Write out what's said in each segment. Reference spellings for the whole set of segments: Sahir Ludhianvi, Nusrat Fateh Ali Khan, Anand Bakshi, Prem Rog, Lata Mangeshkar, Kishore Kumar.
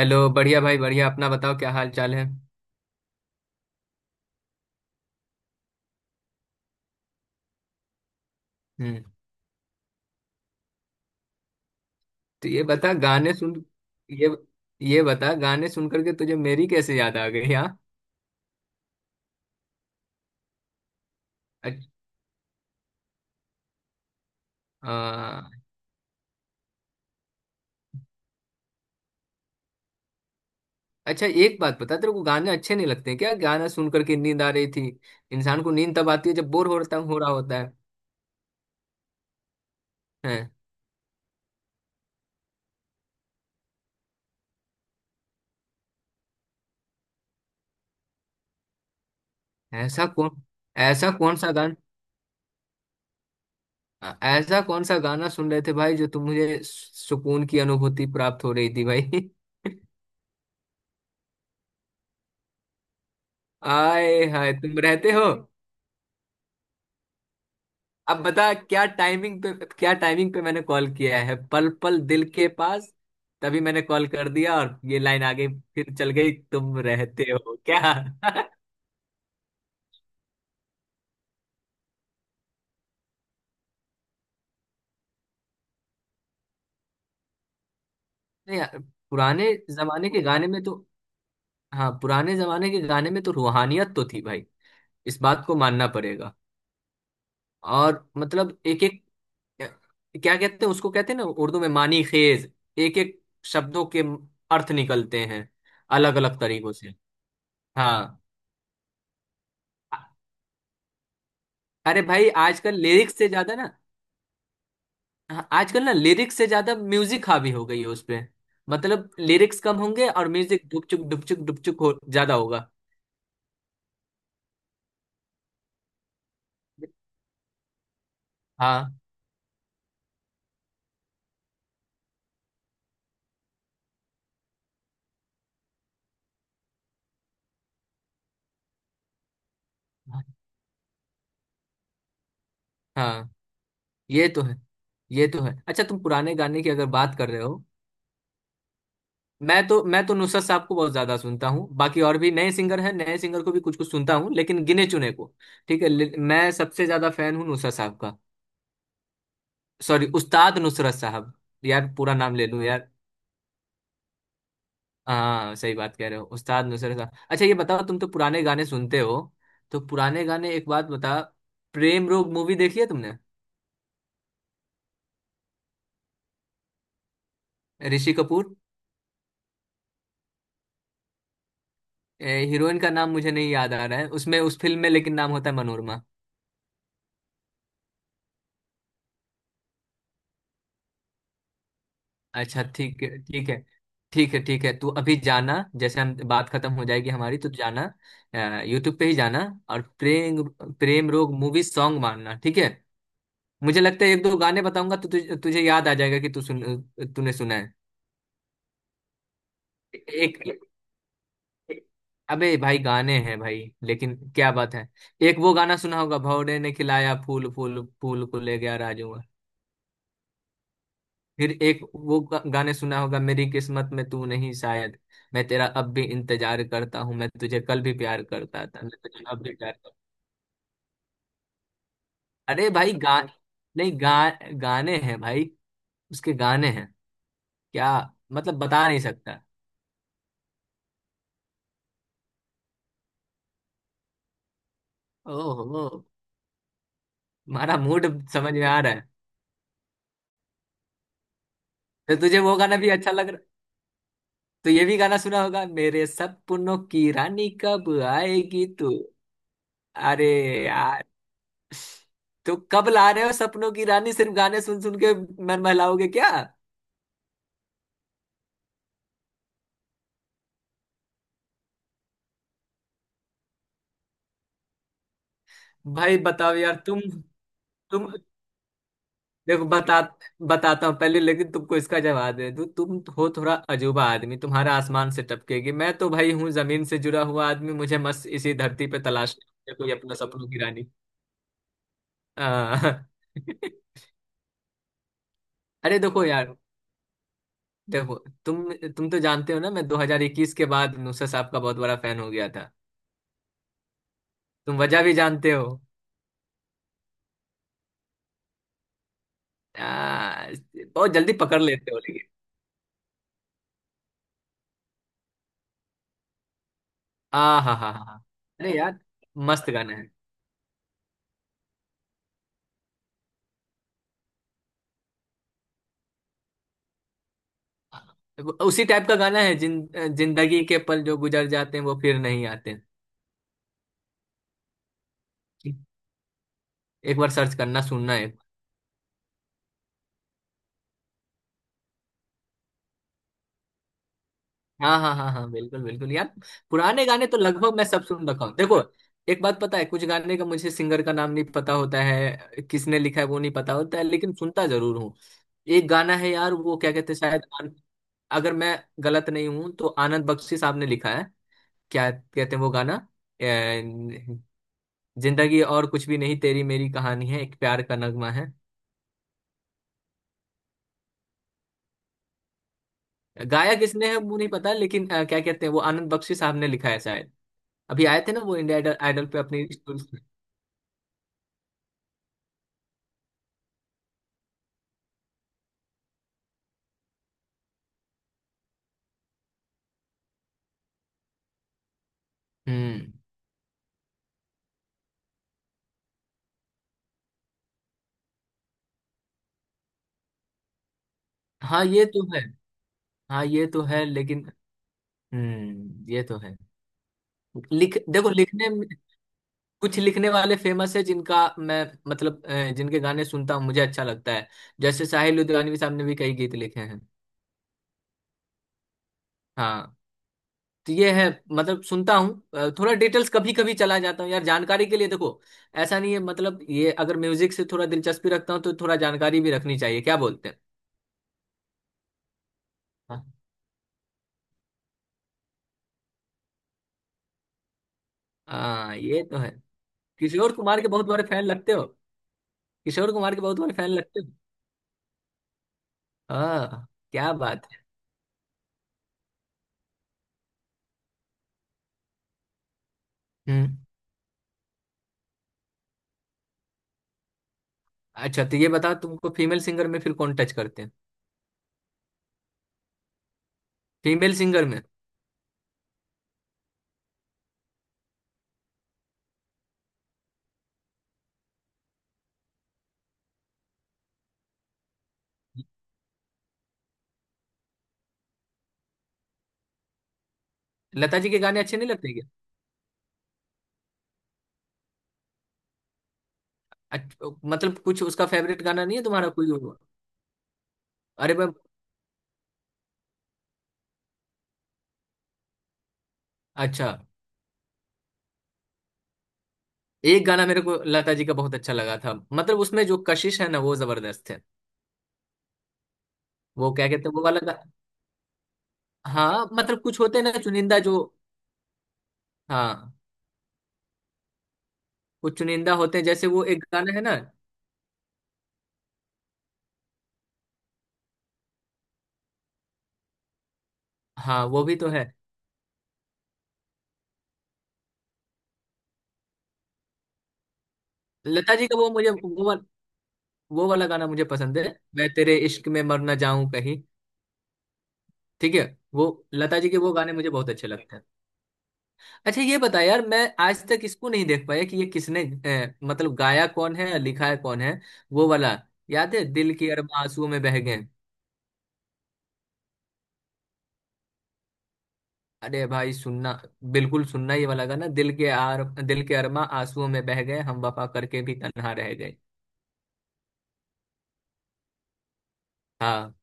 Hello. बढ़िया भाई बढ़िया। अपना बताओ, क्या हाल चाल है। हम्म। तो ये बता गाने सुन ये ये बता गाने सुन करके तुझे मेरी कैसे याद आ गई? हाँ। अच- आ, अच्छा, एक बात बता, तेरे को गाने अच्छे नहीं लगते क्या? गाना सुन करके नींद आ रही थी? इंसान को नींद तब आती है जब बोर हो रहा होता है। हैं? ऐसा कौन ऐसा कौन सा गाना ऐसा कौन सा गाना सुन रहे थे भाई, जो तुम मुझे सुकून की अनुभूति प्राप्त हो रही थी भाई? आए हाय, तुम रहते हो। अब बता, क्या टाइमिंग पे मैंने कॉल किया है, पल पल दिल के पास। तभी मैंने कॉल कर दिया और ये लाइन आ गई। फिर चल गई, तुम रहते हो क्या? नहीं यार। पुराने जमाने के गाने में तो हाँ, पुराने जमाने के गाने में तो रूहानियत तो थी भाई। इस बात को मानना पड़ेगा। और मतलब, एक एक, क्या कहते हैं उसको, कहते हैं ना, उर्दू में मानी खेज। एक एक शब्दों के अर्थ निकलते हैं, अलग अलग तरीकों से। हाँ। अरे भाई, आजकल लिरिक्स से ज्यादा ना हाँ, आजकल ना, लिरिक्स से ज्यादा म्यूजिक हावी हो गई है उसपे। मतलब लिरिक्स कम होंगे और म्यूजिक डुपचुक डुपचुक डुपचुक हो ज्यादा होगा। हाँ, हाँ। ये तो है। ये तो है। अच्छा, तुम पुराने गाने की अगर बात कर रहे हो, मैं तो नुसरत साहब को बहुत ज्यादा सुनता हूँ। बाकी और भी नए सिंगर हैं, नए सिंगर को भी कुछ कुछ सुनता हूँ लेकिन गिने चुने को। ठीक है, मैं सबसे ज्यादा फैन हूँ नुसरत साहब का। सॉरी, उस्ताद नुसरत साहब। यार पूरा नाम ले लूँ यार। हाँ, सही बात कह रहे हो, उस्ताद नुसरत साहब। अच्छा, ये बताओ, तुम तो पुराने गाने सुनते हो। तो पुराने गाने, एक बात बता, प्रेम रोग मूवी देखी है तुमने? ऋषि कपूर। हीरोइन का नाम मुझे नहीं याद आ रहा है उसमें, उस फिल्म में, लेकिन नाम होता है मनोरमा। अच्छा, ठीक है, ठीक है। ठीक है, ठीक है, तू अभी जाना, जैसे हम बात खत्म हो जाएगी हमारी, तो जाना यूट्यूब पे ही जाना। और प्रेम प्रेम रोग मूवी सॉन्ग मारना, ठीक है। मुझे लगता है एक दो गाने बताऊंगा तो तुझे याद आ जाएगा कि तू सुन तूने सुना है। एक। अबे भाई, गाने हैं भाई, लेकिन क्या बात है। एक वो गाना सुना होगा, भौरे ने खिलाया फूल, फूल फूल को ले गया राजू। फिर एक वो गाने सुना होगा, मेरी किस्मत में तू नहीं शायद। मैं तेरा अब भी इंतजार करता हूँ, मैं तुझे कल भी प्यार करता था, मैं तुझे अब भी प्यार करता हूं। अरे भाई, गा नहीं, गा गाने हैं भाई। उसके गाने हैं। क्या, मतलब बता नहीं सकता। ओहो। तुम्हारा मूड समझ में आ रहा है। तो तुझे वो गाना भी अच्छा लग। तो ये भी गाना सुना होगा, मेरे सपनों की रानी कब आएगी तू। अरे यार, तो कब ला रहे हो सपनों की रानी? सिर्फ गाने सुन सुन के मन बहलाओगे क्या? भाई बताओ यार, तुम देखो, बताता हूँ पहले, लेकिन तुमको इसका जवाब दे दूँ। तुम हो थोड़ा अजूबा आदमी, तुम्हारा आसमान से टपकेगी, मैं तो भाई हूँ जमीन से जुड़ा हुआ आदमी, मुझे मस्त इसी धरती पे तलाश है कोई अपना सपनों की रानी। आ, अरे देखो यार, देखो, तुम तो जानते हो ना, मैं 2021 के बाद नुसरत साहब का बहुत बड़ा फैन हो गया था। तुम वजह भी जानते हो। आ, बहुत जल्दी पकड़ लेते हो लेकिन। आ हा हा हा हा। अरे यार, मस्त गाना है। उसी टाइप का गाना है, जिन जिंदगी के पल जो गुजर जाते हैं वो फिर नहीं आते। एक बार सर्च करना, सुनना है। हाँ, हाँ, हाँ, हाँ, बिल्कुल, बिल्कुल यार। पुराने गाने तो लगभग मैं सब सुन रखा हूँ देखो। एक बात पता है, कुछ गाने का मुझे सिंगर का नाम नहीं पता होता है, किसने लिखा है वो नहीं पता होता है, लेकिन सुनता जरूर। एक गाना है यार, वो क्या कहते हैं शायद, अगर मैं गलत नहीं हूं तो आनंद बख्शी साहब ने लिखा है। क्या कहते हैं वो गाना? अ, जिंदगी और कुछ भी नहीं, तेरी मेरी कहानी है, एक प्यार का नगमा है। गाया किसने है वो नहीं पता, लेकिन क्या कहते हैं वो, आनंद बख्शी साहब ने लिखा है शायद। अभी आए थे ना वो इंडिया आइडल पे अपनी स्टोरी। हम्म। हाँ, ये तो है। हाँ, ये तो है, लेकिन। हम्म, ये तो है। लिख देखो, लिखने कुछ लिखने वाले फेमस है, जिनका मैं, मतलब जिनके गाने सुनता हूँ मुझे अच्छा लगता है। जैसे साहिल लुधियानवी साहब ने भी कई गीत लिखे हैं। हाँ, तो ये है। मतलब सुनता हूँ, थोड़ा डिटेल्स कभी कभी चला जाता हूँ यार जानकारी के लिए, देखो। ऐसा नहीं है, मतलब ये, अगर म्यूजिक से थोड़ा दिलचस्पी रखता हूँ तो थोड़ा जानकारी भी रखनी चाहिए, क्या बोलते हैं। हाँ, हाँ, ये तो है। किशोर कुमार के बहुत बड़े फैन लगते हो। किशोर कुमार के बहुत बड़े फैन लगते हो। हाँ, क्या बात है। हम्म। अच्छा, तो ये बताओ, तुमको फीमेल सिंगर में फिर कौन टच करते हैं? फीमेल सिंगर में? लता जी के गाने अच्छे नहीं लगते क्या? मतलब, कुछ उसका फेवरेट गाना नहीं है तुम्हारा, कोई और? अरे मैं, अच्छा, एक गाना मेरे को लता जी का बहुत अच्छा लगा था, मतलब उसमें जो कशिश है ना वो जबरदस्त है। वो क्या कहते हैं, वो वाला हाँ, मतलब कुछ होते हैं ना चुनिंदा जो। हाँ, कुछ चुनिंदा होते हैं, जैसे वो एक गाना है ना। हाँ, वो भी तो है। लता जी का वो वाला गाना मुझे पसंद है। मैं तेरे इश्क में मर ना जाऊं कहीं। ठीक है। वो लता जी के वो गाने मुझे बहुत अच्छे लगते हैं। अच्छा, ये बता यार, मैं आज तक इसको नहीं देख पाया कि ये किसने, मतलब गाया कौन है, लिखा है कौन है, वो वाला। याद है, दिल के अरमां आंसुओं में बह गए? अरे भाई, सुनना, बिल्कुल सुनना ये वाला गाना, दिल के अरमां आंसुओं में बह गए, हम वफा करके भी तन्हा रह गए। हाँ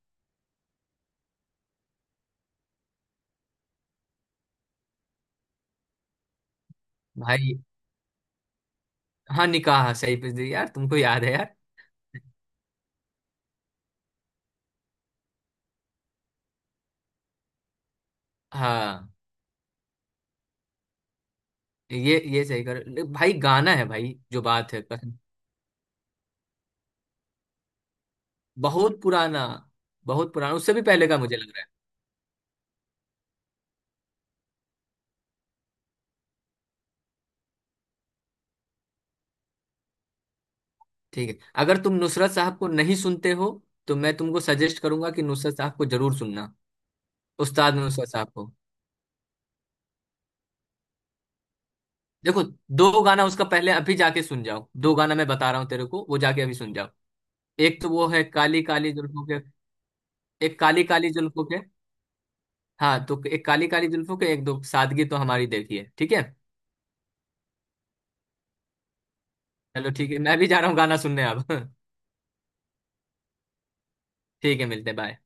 भाई। हाँ, निकाह, सही पे जी यार, तुमको याद है यार। हाँ, ये सही कर ले, भाई गाना है भाई, जो बात है कसम। बहुत पुराना। बहुत पुराना, उससे भी पहले का मुझे लग रहा है। ठीक है। अगर तुम नुसरत साहब को नहीं सुनते हो तो मैं तुमको सजेस्ट करूंगा कि नुसरत साहब को जरूर सुनना। उस्ताद नुसरत साहब को। देखो, दो गाना उसका पहले अभी जाके सुन जाओ, दो गाना मैं बता रहा हूँ तेरे को, वो जाके अभी सुन जाओ। एक तो वो है, काली काली जुल्फों के। एक, काली काली जुल्फों के। हाँ, तो एक काली काली जुल्फों के, एक दो सादगी तो हमारी देखी है, ठीक है। चलो ठीक है, मैं भी जा रहा हूँ गाना सुनने अब। ठीक है, मिलते हैं, बाय।